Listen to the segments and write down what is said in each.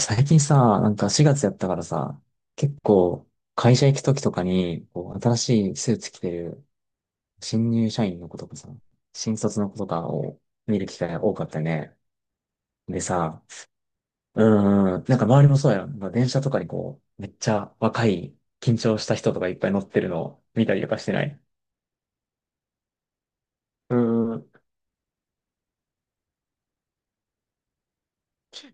最近さ、なんか4月やったからさ、結構会社行く時とかに、こう、新しいスーツ着てる新入社員の子とかさ、新卒の子とかを見る機会が多かったね。でさ、うなんか周りもそうやろ。まあ電車とかにこう、めっちゃ若い、緊張した人とかいっぱい乗ってるのを見たりとかしてない。うーん。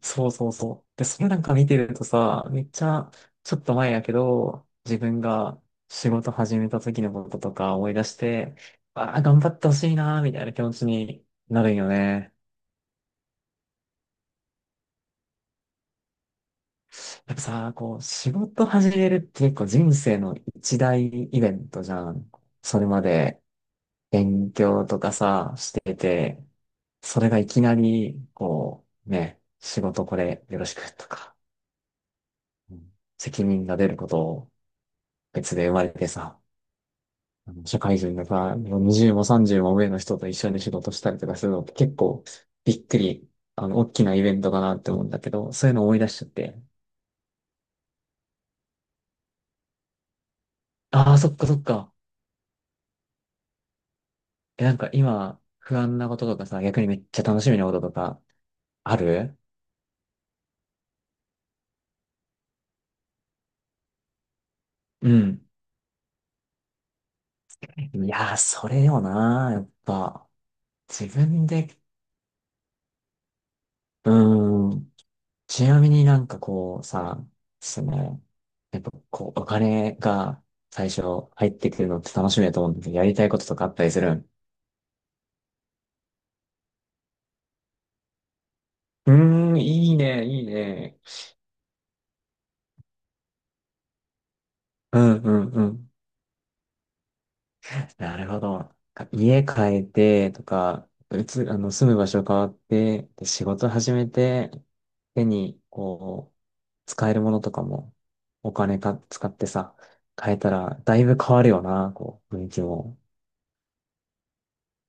そうそうそう。で、それなんか見てるとさ、めっちゃ、ちょっと前やけど、自分が仕事始めた時のこととか思い出して、ああ、頑張ってほしいなーみたいな気持ちになるんよね。やっぱさ、こう、仕事始めるって結構人生の一大イベントじゃん。それまで勉強とかさ、してて、それがいきなり、こう、ね、仕事これよろしくとか、うん、責任が出ることを別で生まれてさ、社会人のさ、20も30も上の人と一緒に仕事したりとかするのって結構びっくり、大きなイベントかなって思うんだけど、そういうの思い出しちゃって、ああ、そっかそっか。え、なんか今、不安なこととかさ、逆にめっちゃ楽しみなこととか、ある、うん。いやー、それよなー、やっぱ。自分で、うーん。ちなみになんかこうさ、その、やっぱこう、お金が最初入ってくるのって楽しみだと思うんだけど、やりたいこととかあったりするん、いいね、いいね。うんうんうん。なるほど。なんか家変えてとか、住む場所変わって、で、仕事始めて、手に、こう、使えるものとかも、お金か、使ってさ、変えたら、だいぶ変わるよな、こう、雰囲気も。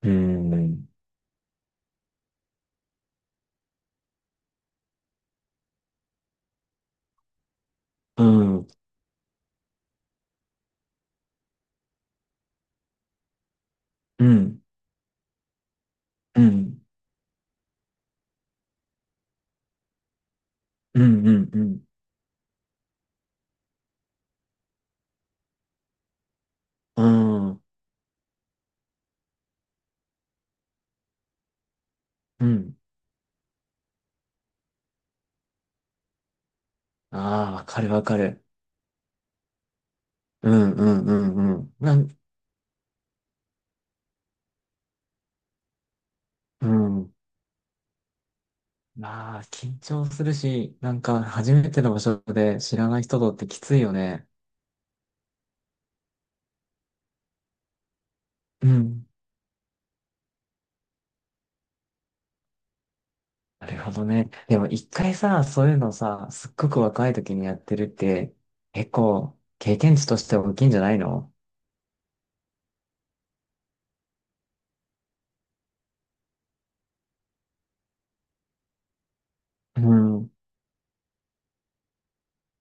うーん、うん、うん、うん、うん、うん、うん、うん、うん。ああ、わかるわかる。うん、うん、うん、うん。なん、うん。まあ、緊張するし、なんか初めての場所で知らない人とってきついよね。うん。なるほどね。でも一回さ、そういうのさ、すっごく若い時にやってるって、結構経験値として大きいんじゃないの、うん。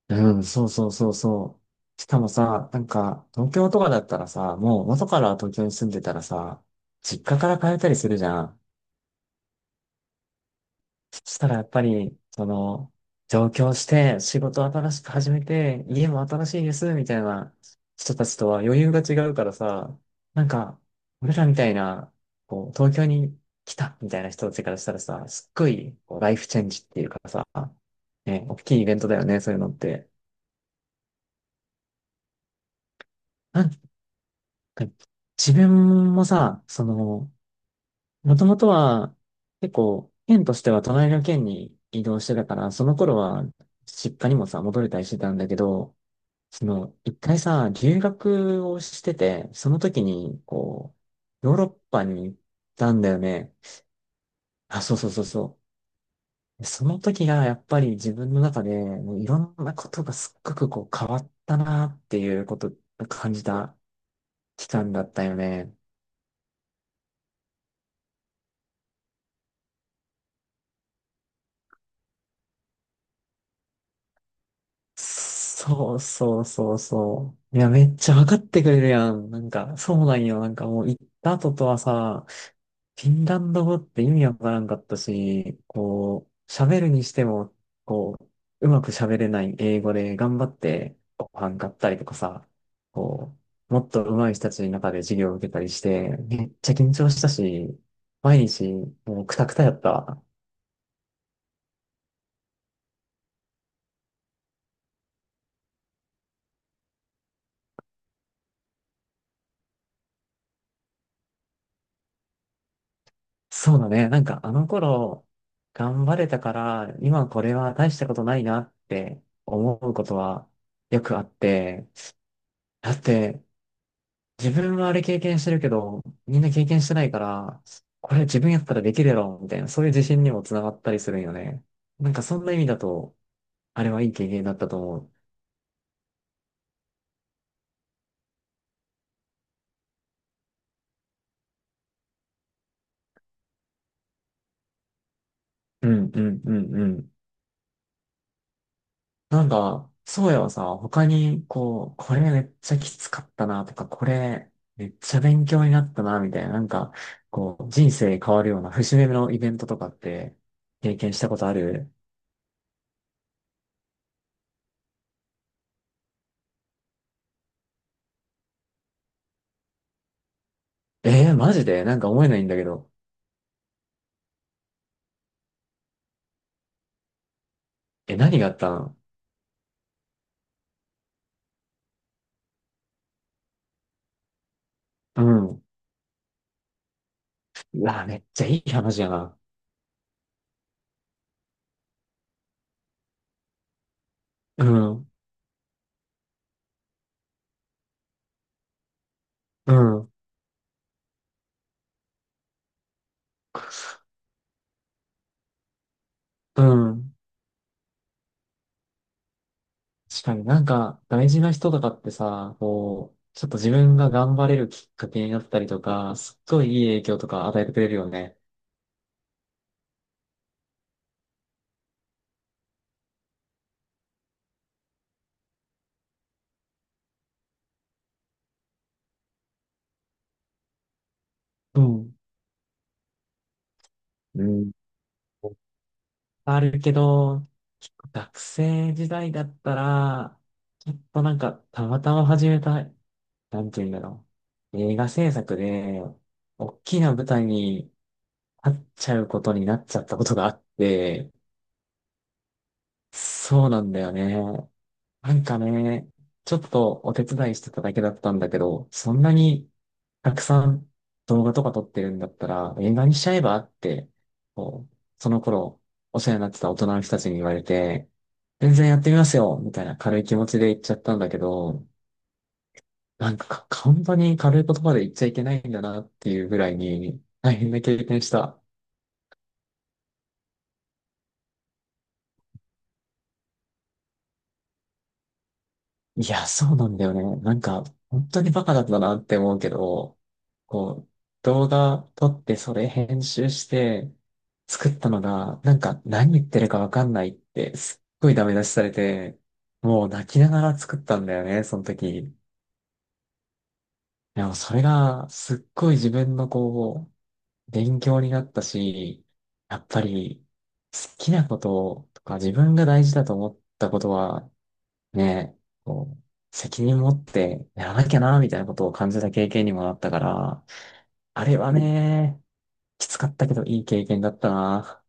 うん、そうそうそうそう。しかもさ、なんか東京とかだったらさ、もう元から東京に住んでたらさ、実家から通ったりするじゃん。そしたらやっぱり、上京して、仕事新しく始めて、家も新しいです、みたいな人たちとは余裕が違うからさ、なんか、俺らみたいな、こう、東京に来た、みたいな人たちからしたらさ、すっごい、こうライフチェンジっていうかさ、ね、大きいイベントだよね、そういうのって。なんか、自分もさ、もともとは、結構、県としては隣の県に移動してたから、その頃は、実家にもさ、戻れたりしてたんだけど、一回さ、留学をしてて、その時に、こう、ヨーロッパに行ったんだよね。あ、そうそうそうそう。その時が、やっぱり自分の中で、もういろんなことがすっごくこう、変わったなっていうことを感じた期間だったよね。そうそうそうそう。いや、めっちゃ分かってくれるやん。なんか、そうなんよ。なんかもう行った後とはさ、フィンランド語って意味わからんかったし、こう、喋るにしても、こう、うまく喋れない英語で頑張ってご飯買ったりとかさ、こう、もっと上手い人たちの中で授業を受けたりして、めっちゃ緊張したし、毎日もうクタクタやったわ。そうだね。なんかあの頃、頑張れたから、今これは大したことないなって思うことはよくあって、だって自分はあれ経験してるけど、みんな経験してないから、これ自分やったらできるやろ、みたいな、そういう自信にもつながったりするんよね。なんかそんな意味だと、あれはいい経験だったと思う。うんうんうんうん。そうやはさ、他に、こう、これめっちゃきつかったなとか、これめっちゃ勉強になったなみたいな、なんか、こう、人生変わるような節目のイベントとかって経験したことある、えー、マジでなんか思えないんだけど。え、何があったの、うん。うわ、めっちゃいい話やな。うん、うん、うん。確かになんか、大事な人とかってさ、こう、ちょっと自分が頑張れるきっかけになったりとか、すっごいいい影響とか与えてくれるよね。うん。うん。あるけど、結構学生時代だったら、ちょっとなんか、たまたま始めた、なんて言うんだろう。映画制作で、大きな舞台に立っちゃうことになっちゃったことがあって、そうなんだよね。なんかね、ちょっとお手伝いしてただけだったんだけど、そんなにたくさん動画とか撮ってるんだったら映画にしちゃえばって、こう、その頃お世話になってた大人の人たちに言われて、全然やってみますよみたいな軽い気持ちで言っちゃったんだけど、なんか本当に軽い言葉で言っちゃいけないんだなっていうぐらいに大変な経験した。いや、そうなんだよね。なんか、本当にバカだったなって思うけど、こう、動画撮ってそれ編集して作ったのが、なんか何言ってるかわかんないって、すっごいダメ出しされて、もう泣きながら作ったんだよね、その時。でもそれが、すっごい自分のこう、勉強になったし、やっぱり、好きなこととか自分が大事だと思ったことは、ね、こう、責任持ってやらなきゃな、みたいなことを感じた経験にもなったから、あれはね、きつかったけどいい経験だったな。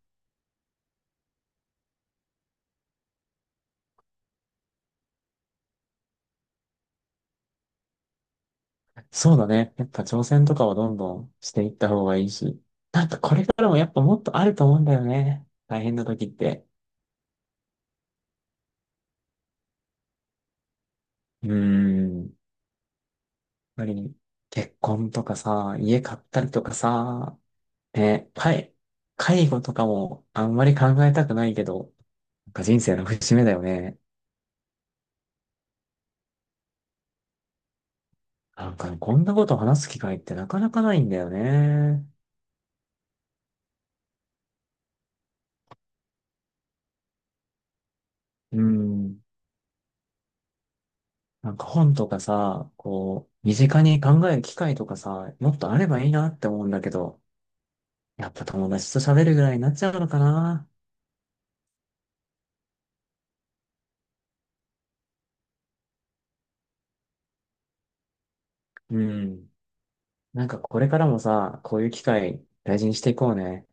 そうだね。やっぱ挑戦とかはどんどんしていった方がいいし。なんかこれからもやっぱもっとあると思うんだよね。大変な時って。うーん。やっぱり結婚とかさ、家買ったりとかさ、ね、介護とかもあんまり考えたくないけど、なんか人生の節目だよね。なんかね、こんなこと話す機会ってなかなかないんだよね。うん。なんか本とかさ、こう、身近に考える機会とかさ、もっとあればいいなって思うんだけど、やっぱ友達と喋るぐらいになっちゃうのかな。うん。なんかこれからもさ、こういう機会大事にしていこうね。